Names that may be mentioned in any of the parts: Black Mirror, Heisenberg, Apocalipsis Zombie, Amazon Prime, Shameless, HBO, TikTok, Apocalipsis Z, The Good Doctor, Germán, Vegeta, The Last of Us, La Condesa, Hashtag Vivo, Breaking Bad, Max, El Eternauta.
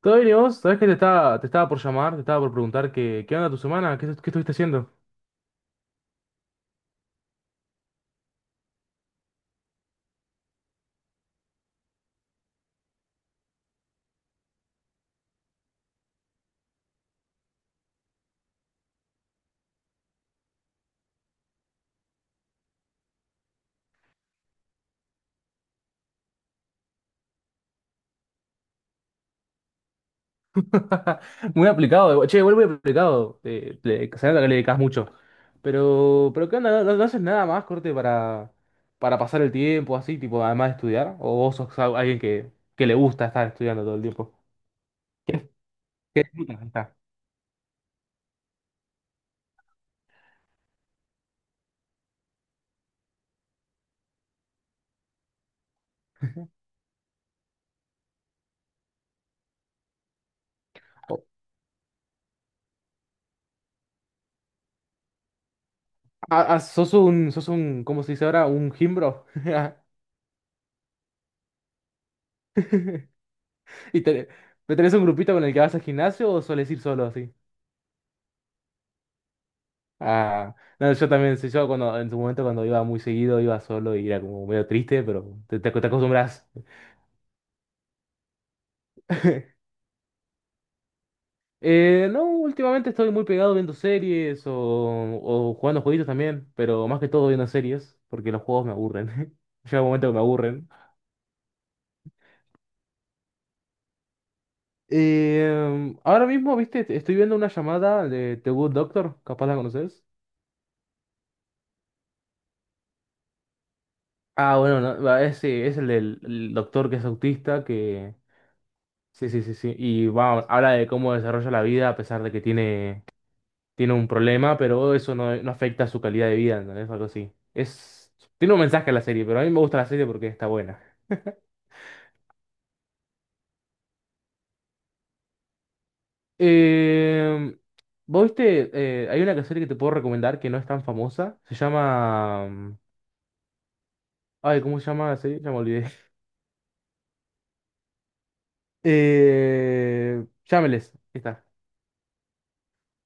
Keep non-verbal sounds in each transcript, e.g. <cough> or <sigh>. ¿Todo bien y vos? ¿Sabés que te estaba por llamar? Te estaba por preguntar qué onda tu semana, qué estuviste haciendo. <laughs> Muy aplicado, eh. Che, igual muy aplicado. Se nota que le dedicas mucho. Pero ¿qué onda? ¿ No haces nada más, corte, para pasar el tiempo así, tipo, ¿además de estudiar? ¿O vos sos alguien que le gusta estar estudiando todo el tiempo? ¿Qué, qué disfrutas de estar? O- ¿Sos un, cómo se dice ahora? Un gimbro. <laughs> ¿Y tenés un grupito con el que vas al gimnasio o sueles ir solo así? Ah, no, yo también, sí, yo cuando, en su momento cuando iba muy seguido, iba solo y era como medio triste, pero te acostumbras. <laughs> No, últimamente estoy muy pegado viendo series o jugando jueguitos también, pero más que todo viendo series, porque los juegos me aburren. <laughs> Llega un momento que me aburren. Ahora mismo, viste, estoy viendo una llamada de The Good Doctor, capaz la conoces. Ah, bueno, no, va, ese es el del el doctor que es autista, que... Sí. Y va, habla de cómo desarrolla la vida a pesar de que tiene un problema, pero eso no afecta a su calidad de vida, ¿entendés? Algo así. Es, tiene un mensaje a la serie, pero a mí me gusta la serie porque está buena. Eh, ¿Vos viste? Hay una serie que te puedo recomendar que no es tan famosa. Se llama... ay, ¿cómo se llama la serie? Ya me olvidé. <laughs> Shameless. Ahí está.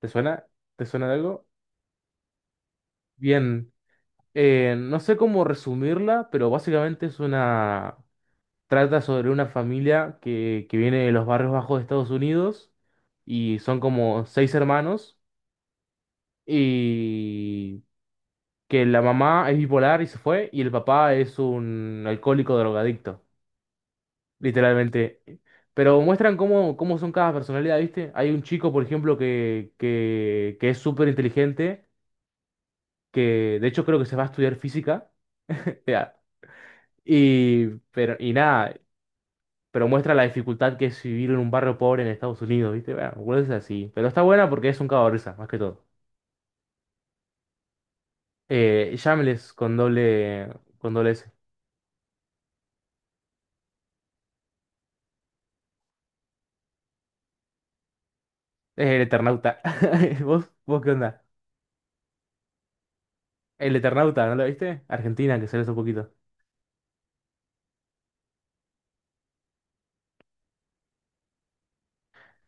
¿Te suena? ¿Te suena de algo? Bien. No sé cómo resumirla, pero básicamente es una... Trata sobre una familia que viene de los barrios bajos de Estados Unidos y son como seis hermanos y que la mamá es bipolar y se fue y el papá es un alcohólico drogadicto, literalmente. Pero muestran cómo son cada personalidad, ¿viste? Hay un chico, por ejemplo, que es súper inteligente, que de hecho creo que se va a estudiar física. <laughs> o Y, pero, y Nada, pero muestra la dificultad que es vivir en un barrio pobre en Estados Unidos, ¿viste? Bueno, Will es así, pero está buena porque es un cago de risa, más que todo. Shameless con doble S. Es el Eternauta. <laughs> ¿Vos qué onda? El Eternauta, ¿no lo viste? Argentina, que sale hace poquito.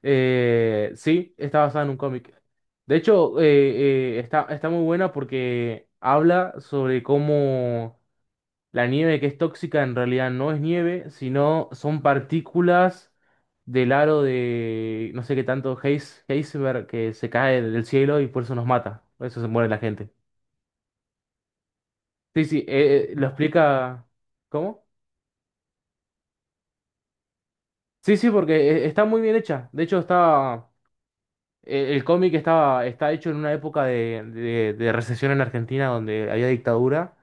Sí, está basada en un cómic. De hecho, está muy buena porque habla sobre cómo la nieve que es tóxica en realidad no es nieve, sino son partículas del aro de no sé qué tanto Heisenberg que se cae del cielo y por eso nos mata. Por eso se muere la gente. Sí, sí, lo explica. ¿Cómo? Sí, sí, porque está muy bien hecha. De hecho, está. El cómic está hecho en una época de recesión en Argentina donde había dictadura.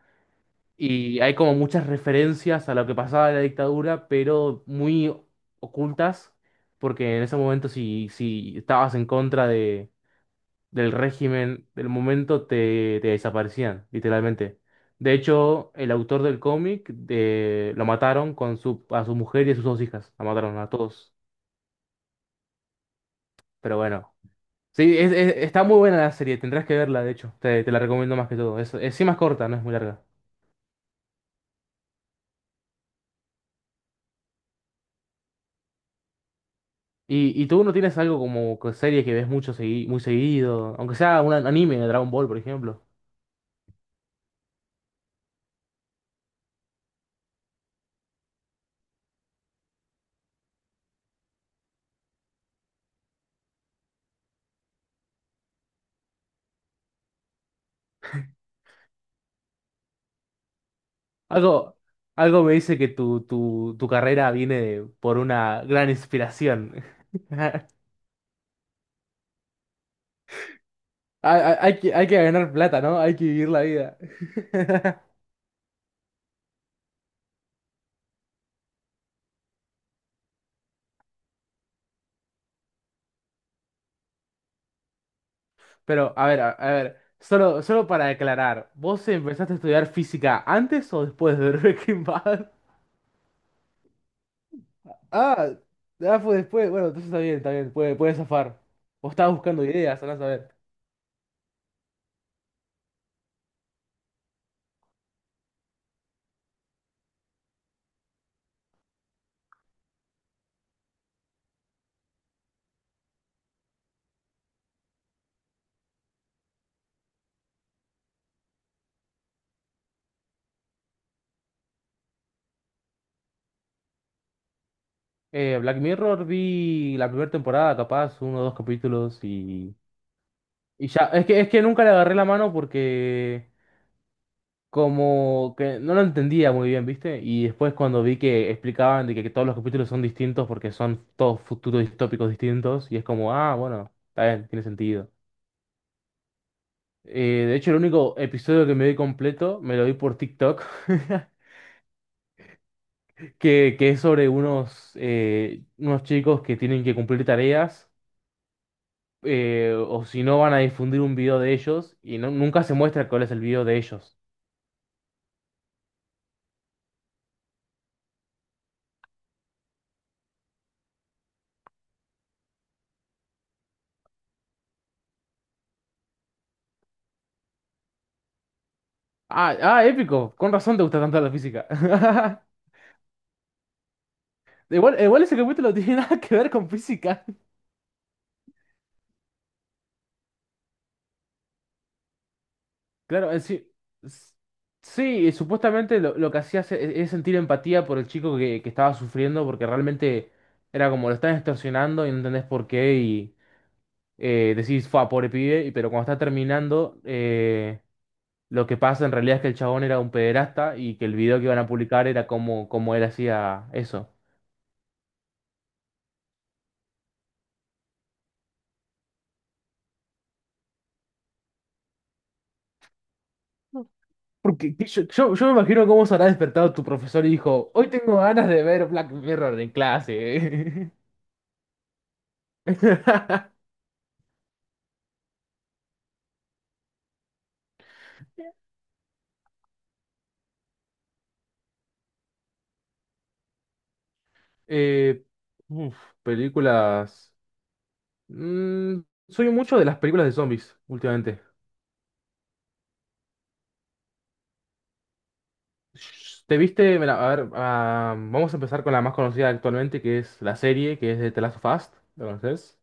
Y hay como muchas referencias a lo que pasaba en la dictadura, pero muy ocultas, porque en ese momento si estabas en contra del régimen del momento, te desaparecían, literalmente. De hecho, el autor del cómic lo mataron con su, a su mujer y a sus dos hijas, la mataron a todos. Pero bueno, sí, está muy buena la serie, tendrás que verla, de hecho, te la recomiendo más que todo. Es sí más corta, no es muy larga. Y tú no tienes algo como serie que ves mucho muy seguido? Aunque sea un anime de Dragon Ball, por ejemplo. Algo, algo me dice que tu carrera viene por una gran inspiración. <laughs> Hay que ganar plata, ¿no? Hay que vivir la vida. <laughs> Pero, a ver, a ver, solo para aclarar, ¿vos empezaste a estudiar física antes o después de <laughs> ver Breaking Bad? Ah, Fue después. Bueno, entonces está bien, puede zafar. Vos estabas buscando ideas, andás a ver. Black Mirror vi la primera temporada, capaz, uno o dos capítulos y ya. Es que nunca le agarré la mano porque como que no lo entendía muy bien, ¿viste? Y después cuando vi que explicaban de que todos los capítulos son distintos porque son todos futuros distópicos distintos y es como, ah, bueno, está bien, tiene sentido. De hecho, el único episodio que me vi completo me lo vi por TikTok, <laughs> que es sobre unos, unos chicos que tienen que cumplir tareas o si no van a difundir un video de ellos y nunca se muestra cuál es el video de ellos. Épico. Con razón te gusta tanto la física. <laughs> Igual ese capítulo no tiene <laughs> nada que ver con física. Claro, en sí. s- Sí, supuestamente lo que hacía es sentir empatía por el chico que estaba sufriendo porque realmente era como lo están extorsionando y no entendés por qué y decís, fa, pobre pibe, pero cuando está terminando... Lo que pasa en realidad es que el chabón era un pederasta y que el video que iban a publicar era como, como él hacía eso. Yo me imagino cómo se habrá despertado tu profesor y dijo, hoy tengo ganas de ver Black Mirror en clase. <laughs> Eh, uf, Películas... Mm, soy mucho de las películas de zombies últimamente. ¿Te viste? Mira, a ver, ah, vamos a empezar con la más conocida actualmente, que es la serie, que es de The Last of Us. ¿La conoces?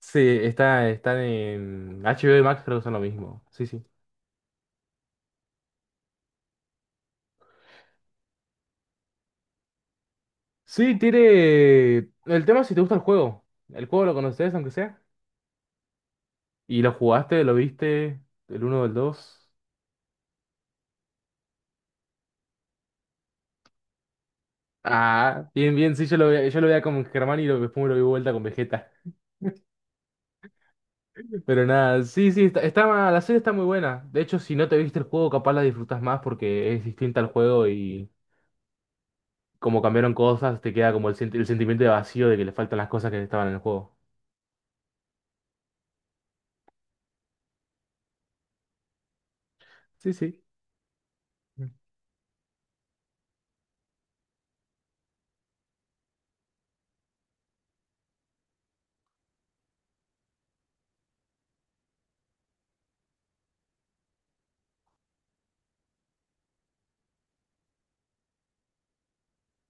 Sí, está, están en HBO y Max, creo que son lo mismo. Sí, sí. Sí, tiene. El tema es si te gusta el juego. El juego lo conoces, aunque sea. Y lo jugaste, lo viste. El uno o el 2. Ah, bien, bien. Sí, yo lo veía con Germán después me lo vi vuelta con Vegeta. Pero nada, sí, sí. La serie está muy buena. De hecho, si no te viste el juego, capaz la disfrutas más porque es distinta al juego y como cambiaron cosas, te queda como el sentimiento de vacío de que le faltan las cosas que estaban en el juego. Sí, sí.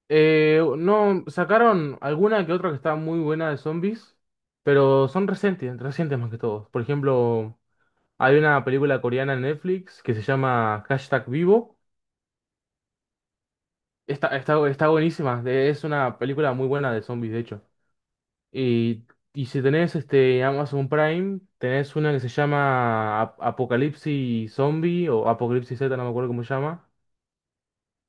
No, sacaron alguna que otra que está muy buena de zombies, pero son recientes más que todo. Por ejemplo, hay una película coreana en Netflix que se llama Hashtag Vivo. Está buenísima, es una película muy buena de zombies, de hecho. Y, y si tenés este Amazon Prime, tenés una que se llama Apocalipsis Zombie o Apocalipsis Z, no me acuerdo cómo se llama.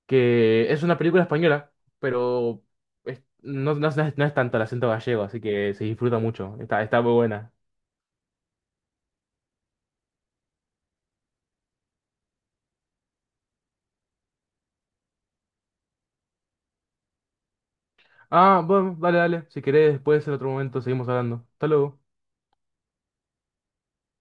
Que es una película española, pero no es tanto el acento gallego, así que se disfruta mucho. Está muy buena. Ah, bueno, dale, dale. Si querés, después en otro momento seguimos hablando. Hasta luego.